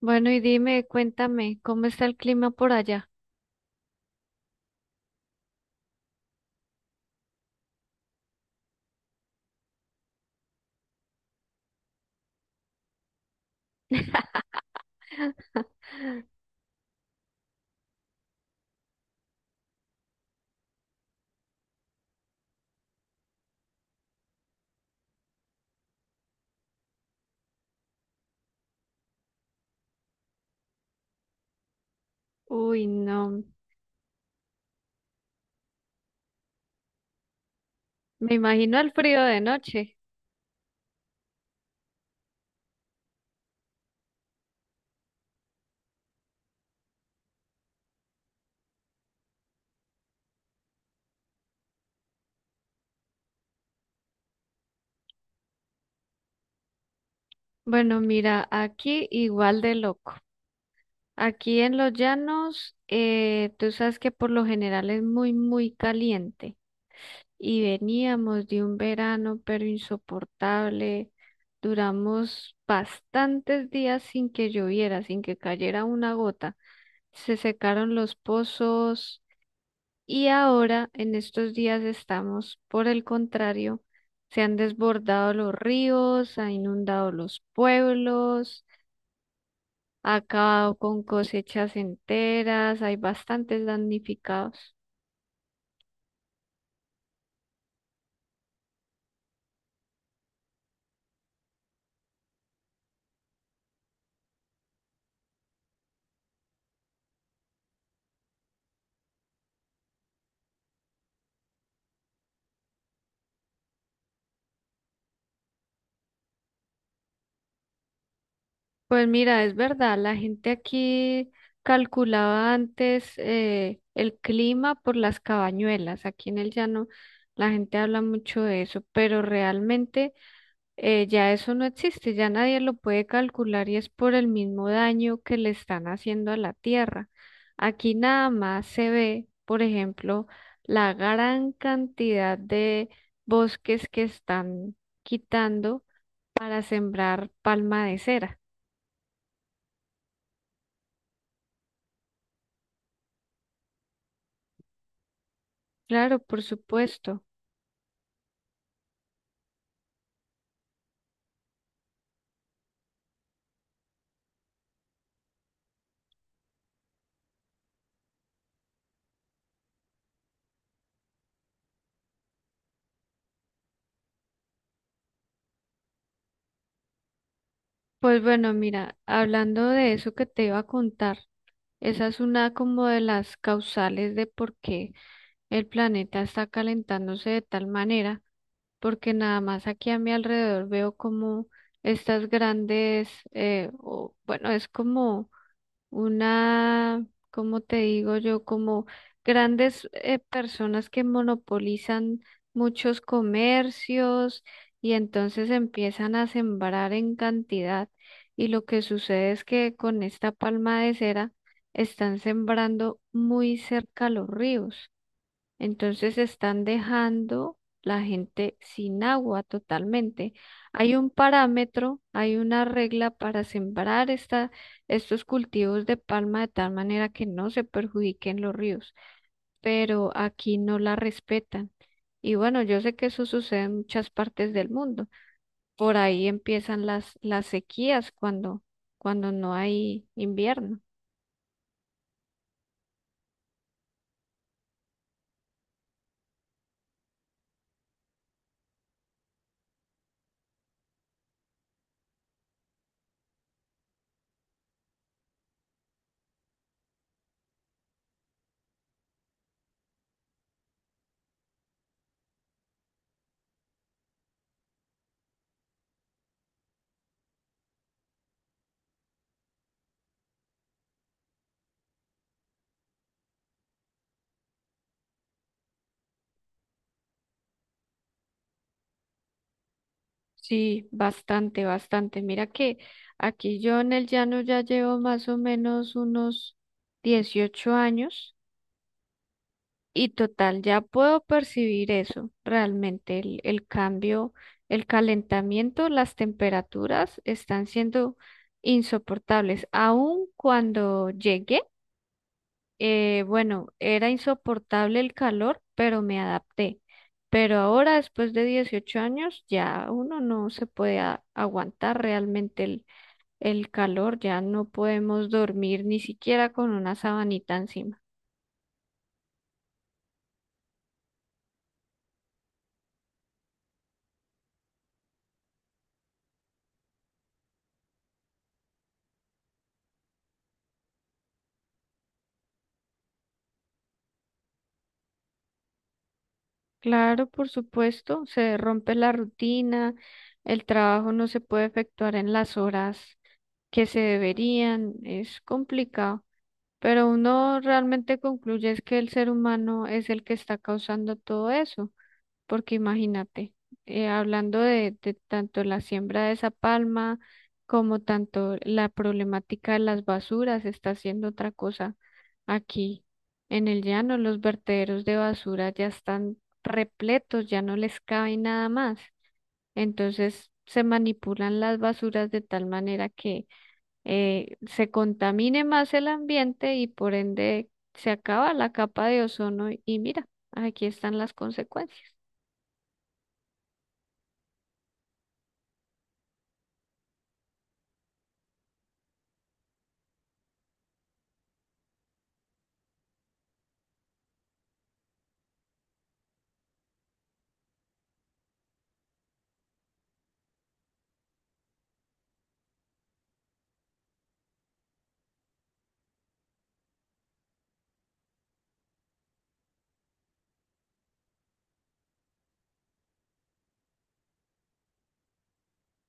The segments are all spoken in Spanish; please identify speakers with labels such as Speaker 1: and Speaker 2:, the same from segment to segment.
Speaker 1: Bueno, y dime, cuéntame, ¿cómo está el clima por allá? Uy, no, me imagino el frío de noche. Bueno, mira, aquí igual de loco. Aquí en los llanos, tú sabes que por lo general es muy caliente. Y veníamos de un verano, pero insoportable. Duramos bastantes días sin que lloviera, sin que cayera una gota. Se secaron los pozos. Y ahora, en estos días estamos, por el contrario, se han desbordado los ríos, ha inundado los pueblos, ha acabado con cosechas enteras, hay bastantes damnificados. Pues mira, es verdad, la gente aquí calculaba antes el clima por las cabañuelas. Aquí en el llano la gente habla mucho de eso, pero realmente ya eso no existe, ya nadie lo puede calcular y es por el mismo daño que le están haciendo a la tierra. Aquí nada más se ve, por ejemplo, la gran cantidad de bosques que están quitando para sembrar palma de cera. Claro, por supuesto. Pues bueno, mira, hablando de eso que te iba a contar, esa es una como de las causales de por qué el planeta está calentándose de tal manera, porque nada más aquí a mi alrededor veo como estas grandes, bueno, es como una, ¿cómo te digo yo? Como grandes personas que monopolizan muchos comercios y entonces empiezan a sembrar en cantidad. Y lo que sucede es que con esta palma de cera están sembrando muy cerca a los ríos. Entonces están dejando la gente sin agua totalmente. Hay un parámetro, hay una regla para sembrar esta, estos cultivos de palma de tal manera que no se perjudiquen los ríos, pero aquí no la respetan. Y bueno, yo sé que eso sucede en muchas partes del mundo. Por ahí empiezan las sequías cuando, cuando no hay invierno. Sí, bastante, bastante. Mira que aquí yo en el llano ya llevo más o menos unos 18 años y total, ya puedo percibir eso, realmente el cambio, el calentamiento, las temperaturas están siendo insoportables. Aun cuando llegué bueno, era insoportable el calor, pero me adapté. Pero ahora, después de 18 años, ya uno no se puede aguantar realmente el calor, ya no podemos dormir ni siquiera con una sabanita encima. Claro, por supuesto, se rompe la rutina, el trabajo no se puede efectuar en las horas que se deberían, es complicado. Pero uno realmente concluye es que el ser humano es el que está causando todo eso, porque imagínate, hablando de tanto la siembra de esa palma como tanto la problemática de las basuras, está haciendo otra cosa aquí en el llano, los vertederos de basura ya están repletos, ya no les cabe nada más. Entonces se manipulan las basuras de tal manera que se contamine más el ambiente y por ende se acaba la capa de ozono y mira, aquí están las consecuencias.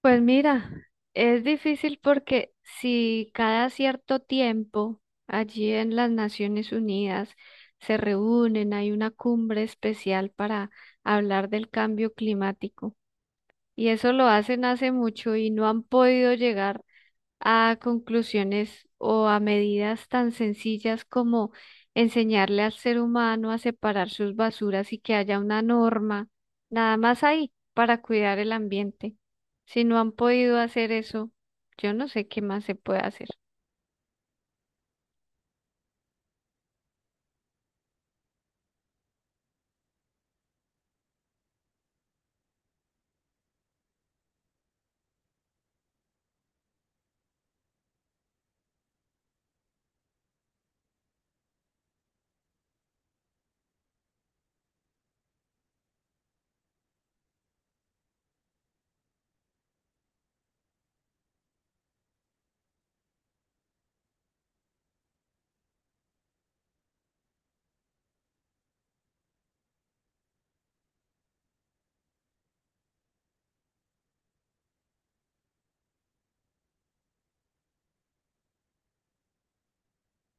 Speaker 1: Pues mira, es difícil porque si cada cierto tiempo allí en las Naciones Unidas se reúnen, hay una cumbre especial para hablar del cambio climático y eso lo hacen hace mucho y no han podido llegar a conclusiones o a medidas tan sencillas como enseñarle al ser humano a separar sus basuras y que haya una norma, nada más ahí, para cuidar el ambiente. Si no han podido hacer eso, yo no sé qué más se puede hacer.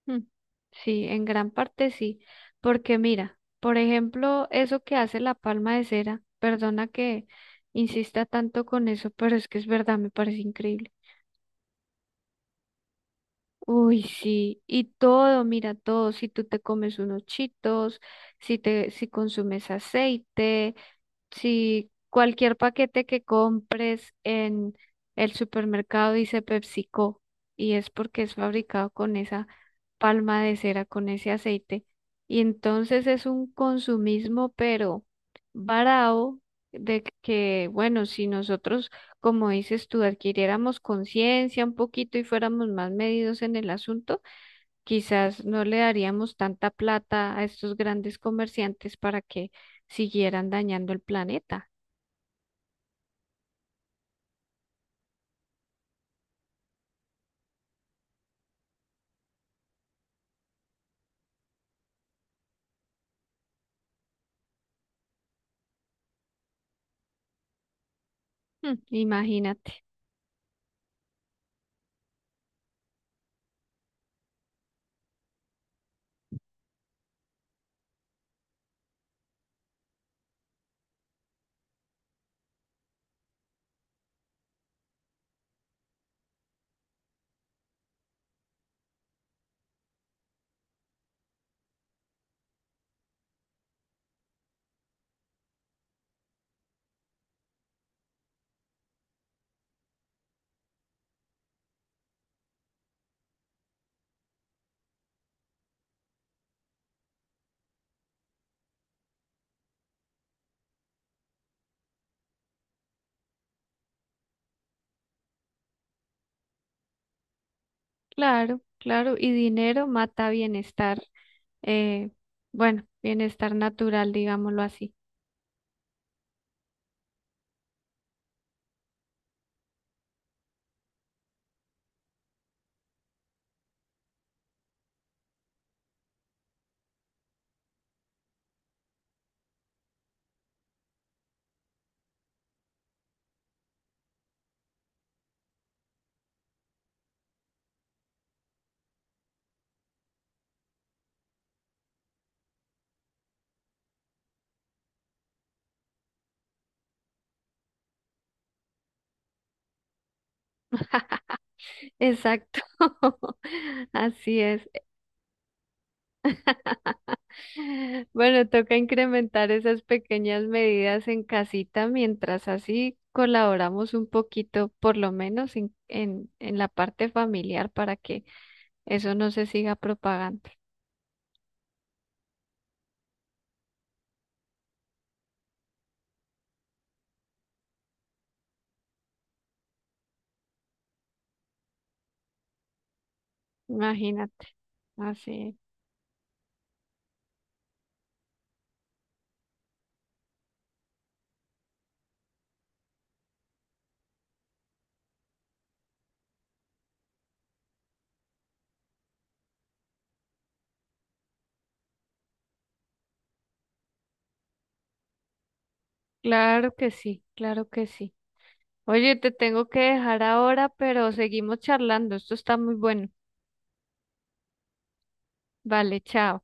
Speaker 1: Mm, sí, en gran parte sí, porque mira, por ejemplo, eso que hace la palma de cera, perdona que insista tanto con eso, pero es que es verdad, me parece increíble. Uy, sí, y todo, mira todo, si tú te comes unos chitos, si te, si consumes aceite, si cualquier paquete que compres en el supermercado dice PepsiCo y es porque es fabricado con esa palma de cera, con ese aceite, y entonces es un consumismo, pero varao, de que, bueno, si nosotros, como dices tú, adquiriéramos conciencia un poquito y fuéramos más medidos en el asunto, quizás no le daríamos tanta plata a estos grandes comerciantes para que siguieran dañando el planeta. Mm, imagínate. Claro, claro. Y dinero mata bienestar, eh, bueno, bienestar natural, digámoslo así. Exacto. Así es. Bueno, toca incrementar esas pequeñas medidas en casita mientras así colaboramos un poquito, por lo menos en la parte familiar, para que eso no se siga propagando. Imagínate. Así. Claro que sí, claro que sí. Oye, te tengo que dejar ahora, pero seguimos charlando. Esto está muy bueno. Vale, chao.